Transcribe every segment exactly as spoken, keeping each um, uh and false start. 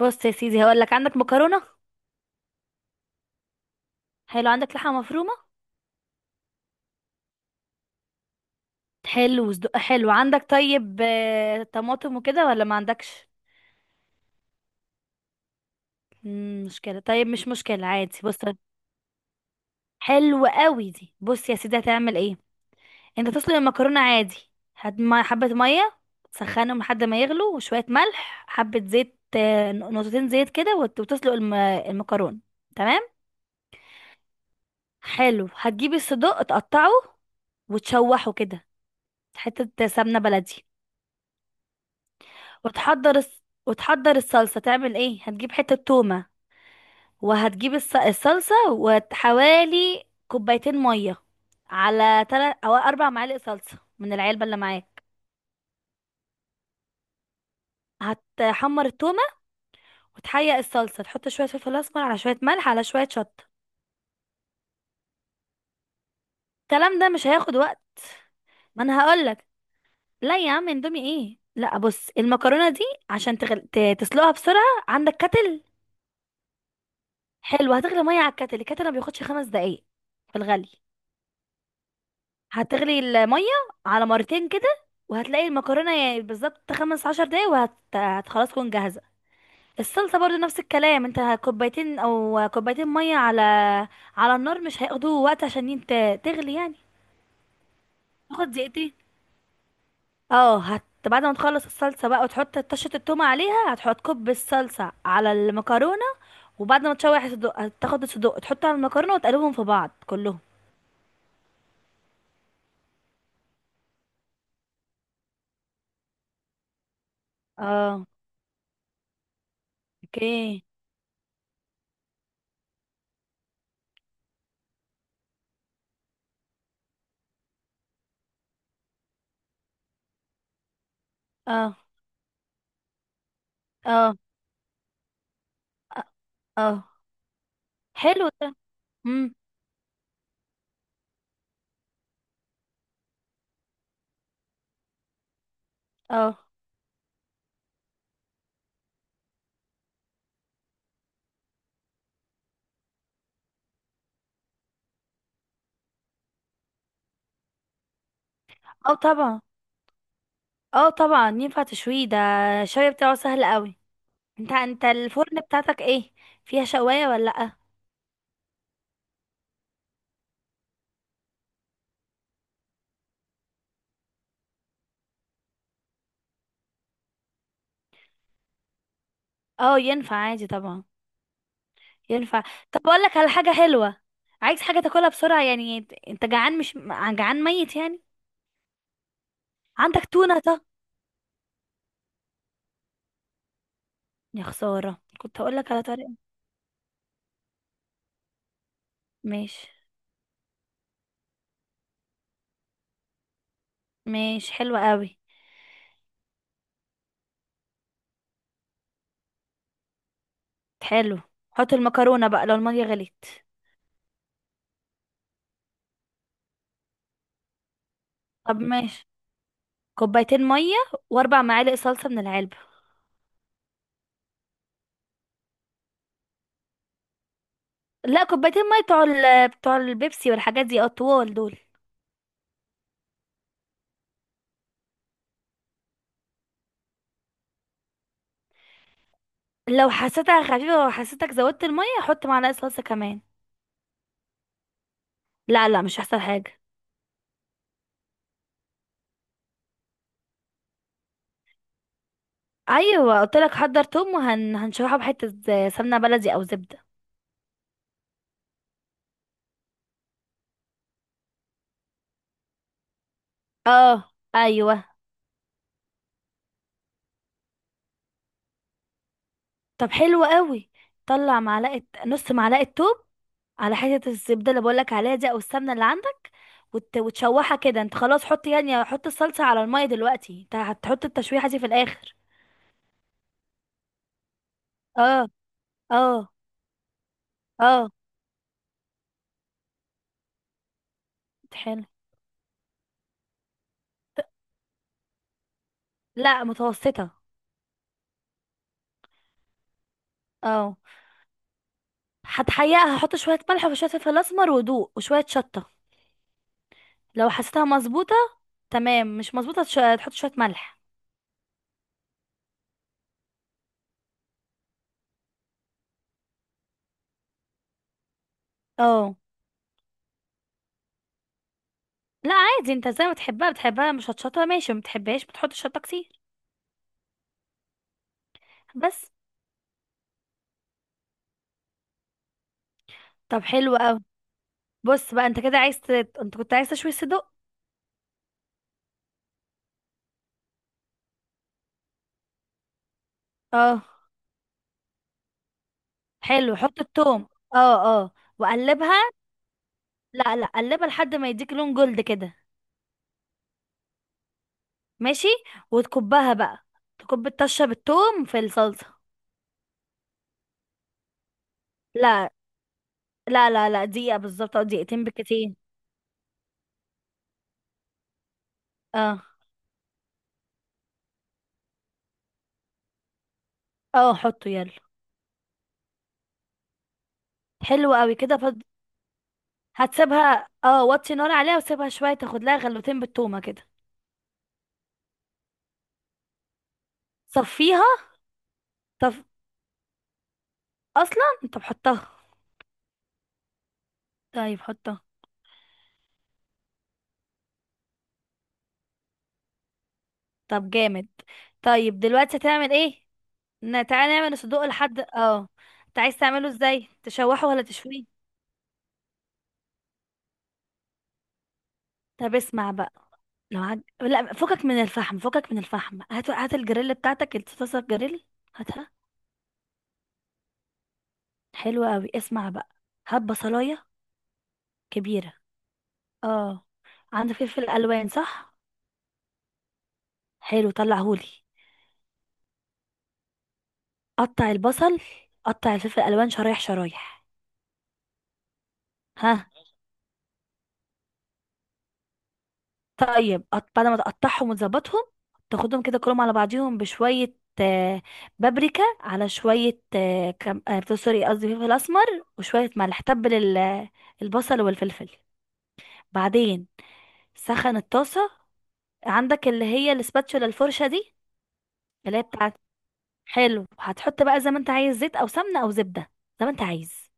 بص يا سيدي، هقول لك. عندك مكرونه؟ حلو. عندك لحمه مفرومه؟ حلو. وصدق حلو. عندك طيب، آه، طماطم وكده ولا ما عندكش؟ مم، مشكله. طيب مش مشكله، عادي. بص، حلو قوي دي. بص يا سيدي، هتعمل ايه. انت تسلق المكرونه عادي. هات مي- حبه ميه، تسخنهم لحد ما يغلوا، وشويه ملح، حبه زيت، آه، نقطتين زيت كده، وت- وتسلق الم- المكرونه. تمام. حلو، هتجيب الصدوق تقطعه وتشوحه كده، حته سمنه بلدي. وتحضر الس... وتحضر الصلصة. تعمل ايه؟ هتجيب حتة تومة، وهتجيب الص... الصلصة، وحوالي كوبايتين مية على تلات او اربع معالق صلصة من العلبة اللي معاك. هتحمر التومة وتحيق الصلصة، تحط شوية فلفل اسمر، على شوية ملح، على شوية شطة. الكلام ده مش هياخد وقت. ما انا هقولك. لا يا عم، اندومي ايه؟ لا، بص المكرونة دي عشان تغل... ت- تسلقها بسرعة. عندك كتل؟ حلو، هتغلي مية على الكتل. الكتل ما بياخدش خمس دقايق في الغلي. هتغلي المية على مرتين كده، وهتلاقي المكرونة يعني بالظبط خمسة عشر دقيقة وهت هت- خلاص تكون جاهزة. الصلصة برضو نفس الكلام. انت كوبايتين او كوبايتين مية على على النار، مش هياخدوا وقت عشان ينت- تغلي يعني. تاخد دقيقتين. اه، هت بعد ما تخلص الصلصة بقى وتحط طشة التومة عليها، هتحط كوب الصلصة على المكرونة، وبعد ما تشوح الصدوق هتاخد الصدوق تحطه على المكرونة وتقلبهم في بعض كلهم. اه. اوكي. اه. اه. اه. حلو. ده. اه. اه طبعا. اه طبعا، ينفع تشويه ده. الشوية بتاعه سهل قوي. انت انت الفرن بتاعتك ايه؟ فيها شواية ولا لأ؟ اه، ينفع عادي طبعا. ينفع. طب، اقول لك على حاجة حلوة. عايز حاجة تاكلها بسرعة يعني. انت انت جعان، مش جعان ميت يعني. عندك تونة طه؟ يا خسارة، كنت هقول لك على طريقة. ماشي ماشي. حلوة قوي. حلو، حط المكرونة بقى لو المية غليت. طب ماشي، كوبايتين مية واربع معالق صلصة من العلبة. لا، كوبايتين ميه بتوع ال... بتوع البيبسي والحاجات دي الطوال دول. لو حسيتها خفيفه وحسيتك زودت الميه، حط معلقه صلصه كمان. لا لا، مش هيحصل حاجه. ايوه قلت لك، حضر توم وهن هنشرحه بحته، ز- سمنه بلدي او زبده. اه. ايوه. طب حلو قوي. طلع معلقه نص معلقه توم على حته الزبده اللي بقولك عليها دي او السمنه اللي عندك، وت... وتشوحها كده. انت خلاص حط، يعني حط الصلصه على الميه دلوقتي، انت هتحط التشويحه دي في الاخر. اه. اه. اه. حلو. لا، متوسطة. اه، هتحيقها، هحط شوية ملح وشوية فلفل أسمر ودوق وشوية شطة. لو حسيتها مظبوطة تمام، مش مظبوطة تش- تحط شوية ملح. اه. لا عادي، انت زي ما تحبها بتحبها، مش هتشطها ماشي، ما بتحبهاش بتحط شطة كتير. بس. طب حلو اوي. بص بقى، انت كده عايز ت... انت كنت عايز تشوي صدق. اه. حلو، حط التوم. اه. اه. وقلبها. لا لا، قلبها لحد ما يديك لون جلد كده. ماشي. وتكبها بقى، تكب الطشة بالتوم في الصلصة. لا لا لا لا، دقيقة بالظبط او دقيقتين بالكتير. اه. اه حطه يلا. حلو قوي كده فض... هتسيبها اه، وطي نار عليها وسيبها شوية تاخد لها غلوتين بالتومة كده. صفيها. طب اصلا انت بحطها؟ طيب حطها. طب جامد. طيب دلوقتي هتعمل ايه؟ ن- تعالى نعمل الصدوق لحد اه. انت عايز تعمله ازاي، تشوحه ولا تشويه؟ طب اسمع بقى، لو عج... لا، فكك من الفحم، فكك من الفحم، هات هات الجريل بتاعتك، الطاسه الجريل، هاتها. حلوة قوي. اسمع بقى، هات بصلايه كبيرة. اه. عندك فلفل الوان صح؟ حلو، طلعهولي. قطع البصل، قطع الفلفل الالوان شرايح شرايح. ها. طيب قط- بعد ما تقطعهم وتظبطهم، تاخدهم كده كلهم على بعضيهم بشوية آه، بابريكا، على شوية آه، كم... آه، سوري قصدي فلفل أسمر، وشوية ملح، تبل ال- آه، البصل والفلفل. بعدين سخن الطاسة. عندك اللي هي الاسباتشولا الفرشة دي، اللي هي بتاعت. حلو، هتحط بقى زي ما انت عايز، زيت أو سمنة أو زبدة، زي ما انت عايز.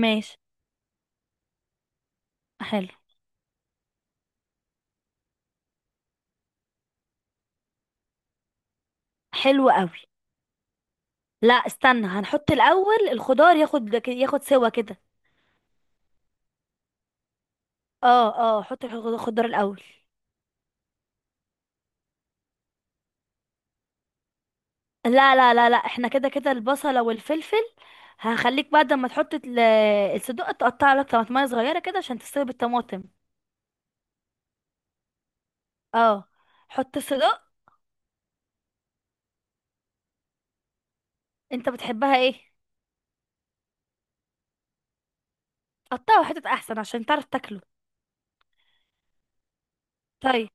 ماشي. حلو. حلو قوي. لا استنى، هنحط الاول الخضار ياخد ياخد سوا كده. اه. اه، حط الخض- الخضار الاول. لا لا لا لا، احنا كده كده البصلة والفلفل. هخليك بعد ما تحط ال- الصدق تقطع لك طماطمية صغيرة كده عشان تستوي بالطماطم. اه، حط الصدق. انت بتحبها ايه؟ قطعه حتت احسن عشان تعرف تاكله. طيب.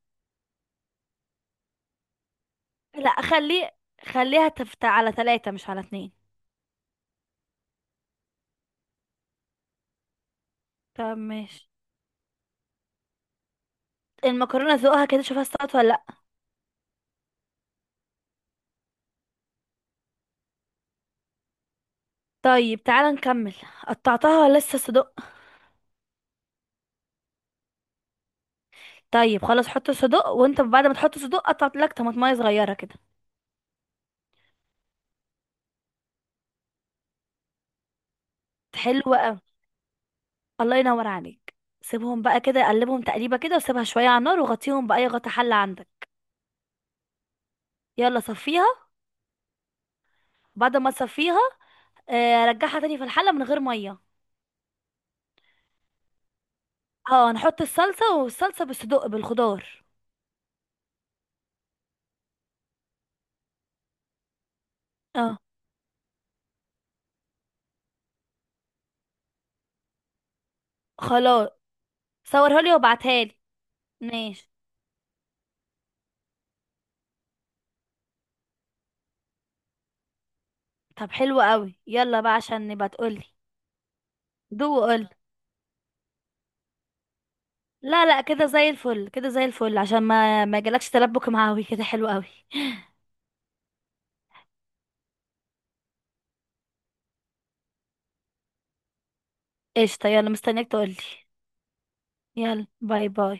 لا خليه، خليها تفت على ثلاثة مش على اتنين. طب ماشي. المكرونة ذوقها كده، شوفها استوت ولا. طيب تعالى نكمل. قطعتها ولا لسه صدق؟ طيب خلاص، حط صدق، وانت بعد ما تحط صدق قطعت لك طماطمايه صغيره كده. حلوه قوي. الله ينور عليك. سيبهم بقى كده، قلبهم تقليبه كده، وسيبها شويه على النار وغطيهم باي غطا حله عندك. يلا صفيها. بعد ما تصفيها آه، رجعها تاني في الحله من غير ميه. اه، نحط الصلصه، والصلصه بالصدق بالخضار. اه خلاص، صورها لي وابعتها لي. ماشي. طب حلو قوي، يلا بقى عشان نبقى تقولي. دوق. لا لا، كده زي الفل، كده زي الفل، عشان ما ما يجيلكش تلبك معاوي كده. حلو قوي. قشطة، يلا مستنياك تقولي. يلا باي باي.